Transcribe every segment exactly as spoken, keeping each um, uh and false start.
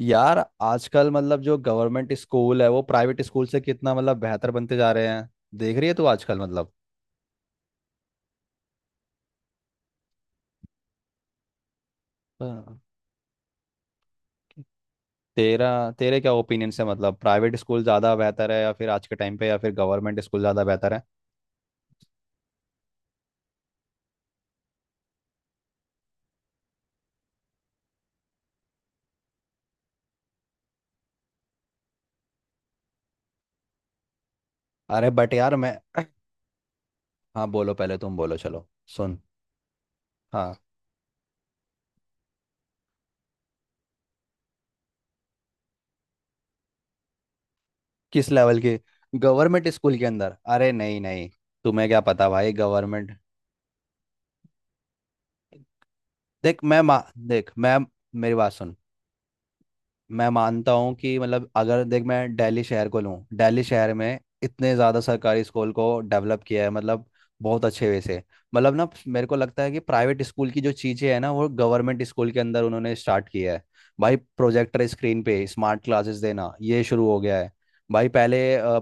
यार, आजकल मतलब जो गवर्नमेंट स्कूल है वो प्राइवेट स्कूल से कितना मतलब बेहतर बनते जा रहे हैं। देख रही है तू आजकल? मतलब हाँ। तेरा तेरे क्या ओपिनियन है, मतलब प्राइवेट स्कूल ज़्यादा बेहतर है या फिर आज के टाइम पे, या फिर गवर्नमेंट स्कूल ज़्यादा बेहतर है? अरे बट यार मैं... हाँ, बोलो, पहले तुम बोलो, चलो। सुन। हाँ। किस लेवल के? गवर्नमेंट स्कूल के अंदर? अरे नहीं नहीं, तुम्हें क्या पता भाई गवर्नमेंट। देख मैं मा... देख, मैं... मेरी बात सुन। मैं मानता हूँ कि मतलब अगर देख, मैं दिल्ली शहर को लूँ, दिल्ली शहर में इतने ज़्यादा सरकारी स्कूल को डेवलप किया है, मतलब बहुत अच्छे वे से। मतलब ना, मेरे को लगता है कि प्राइवेट स्कूल की जो चीज़ें हैं ना वो गवर्नमेंट स्कूल के अंदर उन्होंने स्टार्ट किया है। भाई प्रोजेक्टर स्क्रीन पे स्मार्ट क्लासेस देना, ये शुरू हो गया है। भाई पहले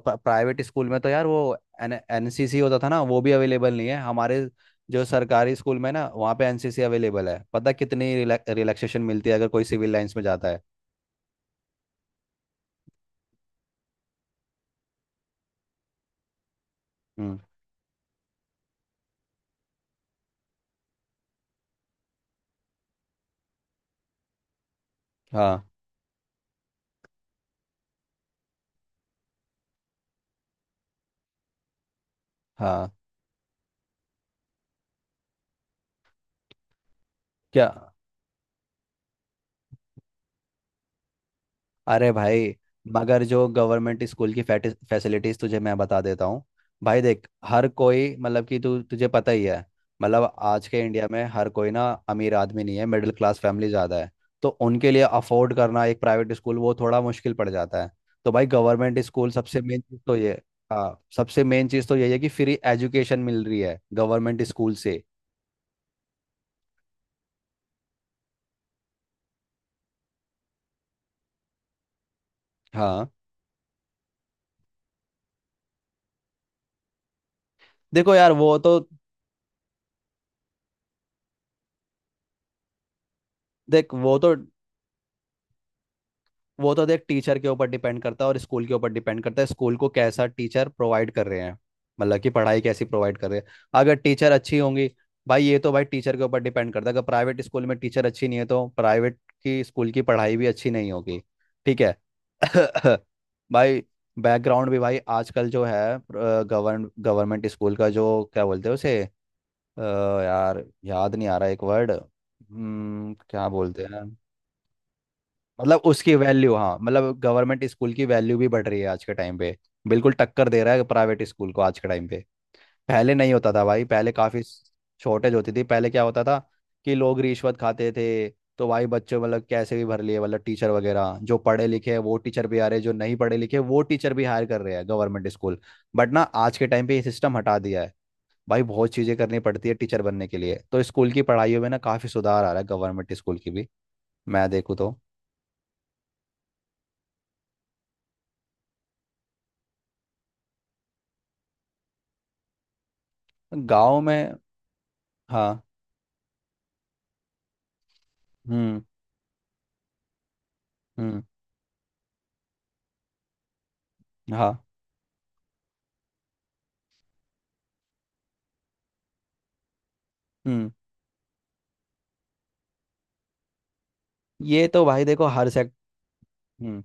प्राइवेट स्कूल में तो यार वो एन एनसीसी होता था ना, वो भी अवेलेबल नहीं है हमारे। जो सरकारी स्कूल में ना, वहाँ पे एन सी सी अवेलेबल है, पता कितनी रिलैक्सेशन मिलती है अगर कोई सिविल लाइंस में जाता है। हम्म। हाँ। हाँ। क्या? अरे भाई, मगर जो गवर्नमेंट स्कूल की फैसिलिटीज तुझे मैं बता देता हूँ। भाई देख, हर कोई मतलब कि तू... तुझे पता ही है। मतलब आज के इंडिया में हर कोई ना अमीर आदमी नहीं है, मिडिल क्लास फैमिली ज़्यादा है। तो उनके लिए अफोर्ड करना एक प्राइवेट स्कूल वो थोड़ा मुश्किल पड़ जाता है। तो भाई गवर्नमेंट स्कूल सबसे मेन चीज़ तो ये... हाँ, सबसे मेन चीज़ तो यही है कि फ्री एजुकेशन मिल रही है गवर्नमेंट स्कूल से। हाँ। देखो यार वो तो देख वो तो वो तो देख, टीचर के ऊपर डिपेंड करता है और स्कूल के ऊपर डिपेंड करता है, स्कूल को कैसा टीचर प्रोवाइड कर रहे हैं, मतलब कि पढ़ाई कैसी प्रोवाइड कर रहे हैं। अगर टीचर अच्छी होंगी... भाई ये तो भाई टीचर के ऊपर डिपेंड करता है, अगर प्राइवेट स्कूल में टीचर अच्छी नहीं है तो प्राइवेट की स्कूल की पढ़ाई भी अच्छी नहीं होगी। ठीक है। भाई, बैकग्राउंड भी भाई आजकल जो है, गवर्न गवर्नमेंट स्कूल का जो क्या बोलते हैं उसे? अ, यार याद नहीं आ रहा एक वर्ड। हम्म क्या बोलते हैं? मतलब उसकी वैल्यू, हाँ, मतलब गवर्नमेंट स्कूल की वैल्यू भी बढ़ रही है आज के टाइम पे। बिल्कुल टक्कर दे रहा है प्राइवेट स्कूल को आज के टाइम पे। पहले नहीं होता था भाई, पहले काफ़ी शॉर्टेज होती थी। पहले क्या होता था कि लोग रिश्वत खाते थे, तो भाई बच्चों मतलब कैसे भी भर लिए, मतलब टीचर वगैरह, जो पढ़े लिखे हैं वो टीचर भी आ रहे हैं, जो नहीं पढ़े लिखे वो टीचर भी हायर कर रहे हैं गवर्नमेंट स्कूल। बट ना आज के टाइम पे ये सिस्टम हटा दिया है। भाई बहुत चीज़ें करनी पड़ती है टीचर बनने के लिए, तो स्कूल की पढ़ाइयों में ना काफ़ी सुधार आ रहा है गवर्नमेंट स्कूल की भी, मैं देखूँ तो। गाँव में? हाँ। हम्म। हम्म। हाँ। हम्म। ये तो भाई, देखो हर सेक्ट हम्म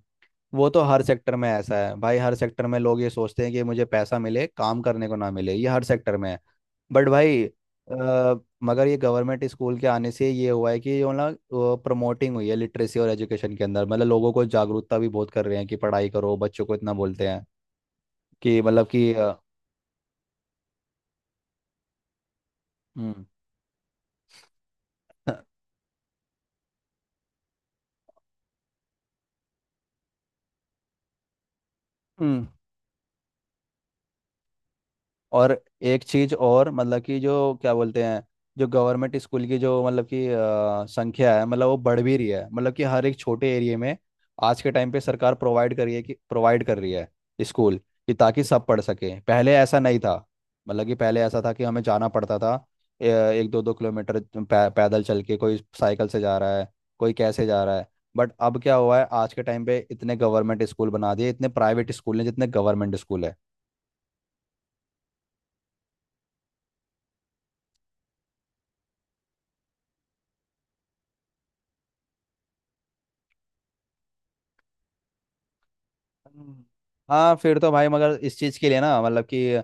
वो तो हर सेक्टर में ऐसा है भाई, हर सेक्टर में लोग ये सोचते हैं कि मुझे पैसा मिले, काम करने को ना मिले, ये हर सेक्टर में है। बट भाई अ, मगर ये गवर्नमेंट स्कूल के आने से ये हुआ है कि जो ना प्रमोटिंग हुई है लिटरेसी और एजुकेशन के अंदर, मतलब लोगों को जागरूकता भी बहुत कर रहे हैं कि पढ़ाई करो, बच्चों को इतना बोलते हैं कि मतलब कि अ, हम्म। और एक चीज और, मतलब कि जो क्या बोलते हैं, जो गवर्नमेंट स्कूल की जो मतलब कि अ, संख्या है, मतलब वो बढ़ भी रही है मतलब कि हर एक छोटे एरिया में। आज के टाइम पे सरकार प्रोवाइड कर रही है, कि प्रोवाइड कर रही है स्कूल, कि ताकि सब पढ़ सकें। पहले ऐसा नहीं था। मतलब कि पहले ऐसा था कि हमें जाना पड़ता था, अ, एक दो दो किलोमीटर पै, पैदल चल के, कोई साइकिल से जा रहा है, कोई कैसे जा रहा है। बट अब क्या हुआ है, आज के टाइम पे इतने गवर्नमेंट स्कूल बना दिए, इतने प्राइवेट स्कूल हैं जितने गवर्नमेंट स्कूल है। हम्म। हाँ, फिर तो भाई मगर इस चीज़ के लिए ना मतलब कि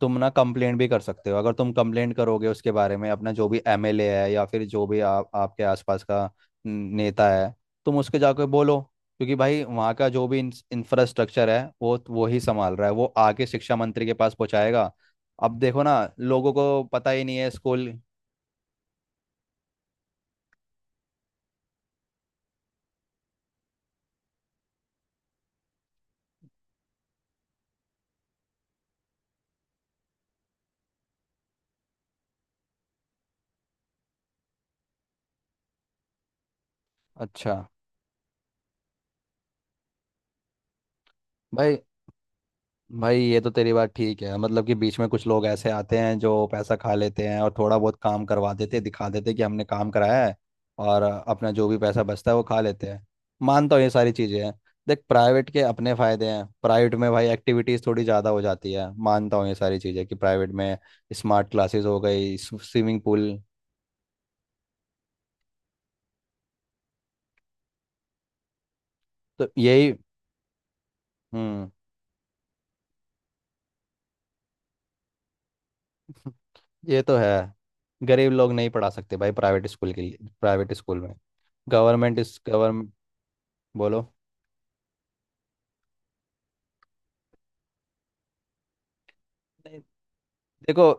तुम ना कंप्लेंट भी कर सकते हो। अगर तुम कंप्लेंट करोगे उसके बारे में, अपना जो भी एम एल ए है या फिर जो भी आप आपके आसपास का न- नेता है, तुम उसके जाकर बोलो। क्योंकि भाई वहाँ का जो भी इंफ्रास्ट्रक्चर है वो वो ही संभाल रहा है, वो आके शिक्षा मंत्री के पास पहुँचाएगा। अब देखो ना, लोगों को पता ही नहीं है स्कूल। अच्छा। भाई भाई ये तो तेरी बात ठीक है, मतलब कि बीच में कुछ लोग ऐसे आते हैं जो पैसा खा लेते हैं और थोड़ा बहुत काम करवा देते हैं, दिखा देते हैं कि हमने काम कराया है, और अपना जो भी पैसा बचता है वो खा लेते हैं। मानता हूँ ये सारी चीज़ें हैं। देख, प्राइवेट के अपने फ़ायदे हैं, प्राइवेट में भाई एक्टिविटीज़ थोड़ी ज़्यादा हो जाती है, मानता हूँ ये सारी चीज़ें कि प्राइवेट में स्मार्ट क्लासेस हो गई, स्विमिंग पूल। तो यही... हम्म। ये तो है। गरीब लोग नहीं पढ़ा सकते भाई प्राइवेट स्कूल के लिए, प्राइवेट स्कूल में। गवर्नमेंट इस गवर्नमेंट... बोलो। देखो,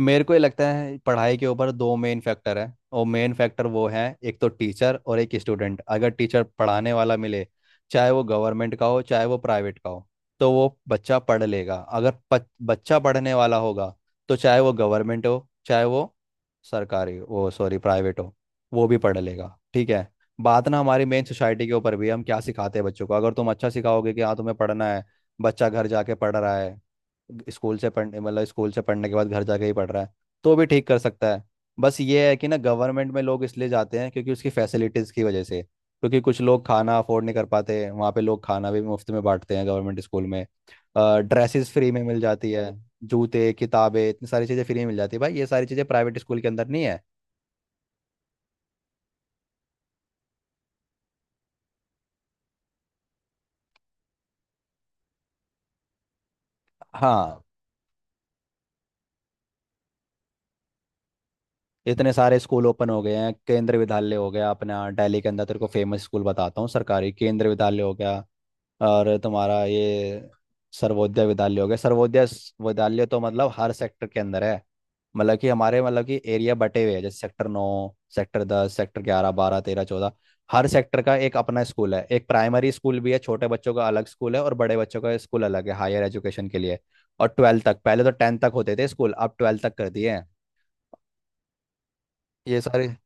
मेरे को ये लगता है पढ़ाई के ऊपर दो मेन फैक्टर है, और मेन फैक्टर वो है, एक तो टीचर और एक स्टूडेंट। अगर टीचर पढ़ाने वाला मिले, चाहे वो गवर्नमेंट का हो चाहे वो प्राइवेट का हो, तो वो बच्चा पढ़ लेगा। अगर प, बच्चा पढ़ने वाला होगा, तो चाहे वो गवर्नमेंट हो चाहे वो सरकारी, वो सॉरी प्राइवेट हो, वो भी पढ़ लेगा। ठीक है। बात ना हमारी मेन सोसाइटी के ऊपर भी है, हम क्या सिखाते हैं बच्चों को। अगर तुम अच्छा सिखाओगे कि हाँ तुम्हें पढ़ना है, बच्चा घर जाके पढ़ रहा है, स्कूल से पढ़ने मतलब स्कूल से पढ़ने के बाद घर जाके ही पढ़ रहा है, तो भी ठीक कर सकता है। बस ये है कि ना गवर्नमेंट में लोग इसलिए जाते हैं क्योंकि उसकी फैसिलिटीज़ की वजह से, क्योंकि कुछ लोग खाना अफोर्ड नहीं कर पाते, वहाँ पे लोग खाना भी मुफ्त में बांटते हैं गवर्नमेंट स्कूल में। ड्रेसेस फ्री में मिल जाती है, जूते, किताबें, इतनी सारी चीज़ें फ्री में मिल जाती है भाई, ये सारी चीज़ें प्राइवेट स्कूल के अंदर नहीं है। हाँ। इतने सारे स्कूल ओपन हो गए हैं, केंद्रीय विद्यालय हो गया अपना दिल्ली के अंदर, तेरे को फेमस स्कूल बताता हूँ सरकारी, केंद्रीय विद्यालय हो गया, और तुम्हारा ये सर्वोदय विद्यालय हो गया। सर्वोदय स- विद्यालय तो मतलब हर सेक्टर के अंदर है, मतलब कि हमारे मतलब कि एरिया बटे हुए हैं, जैसे सेक्टर नौ, सेक्टर दस, सेक्टर ग्यारह, बारह, तेरह, चौदह। हर सेक्टर का एक अपना स्कूल है, एक प्राइमरी स्कूल भी है, छोटे बच्चों का अलग स्कूल है और बड़े बच्चों का स्कूल अलग है हायर एजुकेशन के लिए। और ट्वेल्थ तक, पहले तो टेंथ तक होते थे स्कूल, अब ट्वेल्थ तक कर दिए हैं। ये सारे...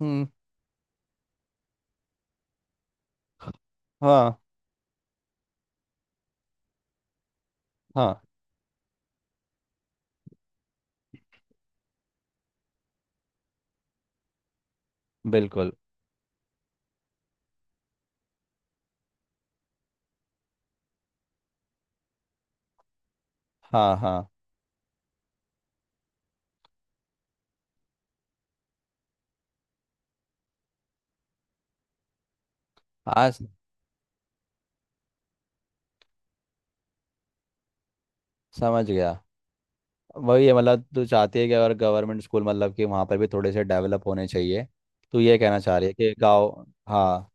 हम्म। हाँ। हाँ, बिल्कुल। हाँ। हाँ। आज... समझ गया। वही है मतलब, तू चाहती है कि अगर गवर्नमेंट स्कूल मतलब कि वहाँ पर भी थोड़े से डेवलप होने चाहिए, तो ये कहना चाह रही है कि गाँव, हाँ।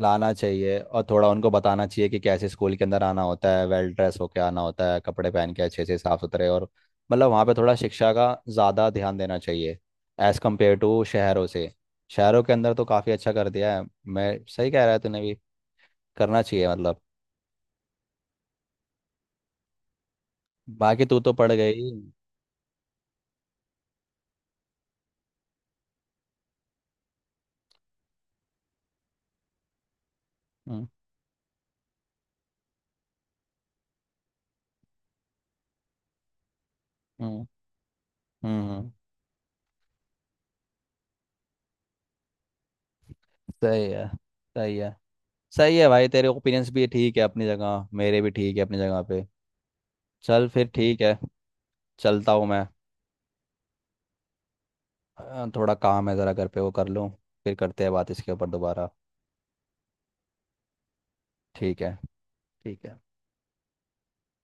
लाना चाहिए और थोड़ा उनको बताना चाहिए कि कैसे स्कूल के अंदर आना होता है, वेल ड्रेस होके आना होता है, कपड़े पहन के अच्छे से साफ सुथरे, और मतलब वहाँ पे थोड़ा शिक्षा का ज़्यादा ध्यान देना चाहिए, एज़ कम्पेयर टू शहरों से। शहरों के अंदर तो काफ़ी अच्छा कर दिया है, मैं सही कह रहा है तूने भी, करना चाहिए मतलब। बाकी तू तो पढ़ गई। हम्म। हम्म। हम्म, हम्म, सही है। सही है। सही है भाई, तेरे ओपिनियंस भी ठीक है अपनी जगह, मेरे भी ठीक है अपनी जगह पे। चल फिर, ठीक है। चलता हूँ मैं। अ, थोड़ा काम है ज़रा घर पे, वो कर लूँ, फिर करते हैं बात इसके ऊपर दोबारा। ठीक है। ठीक है।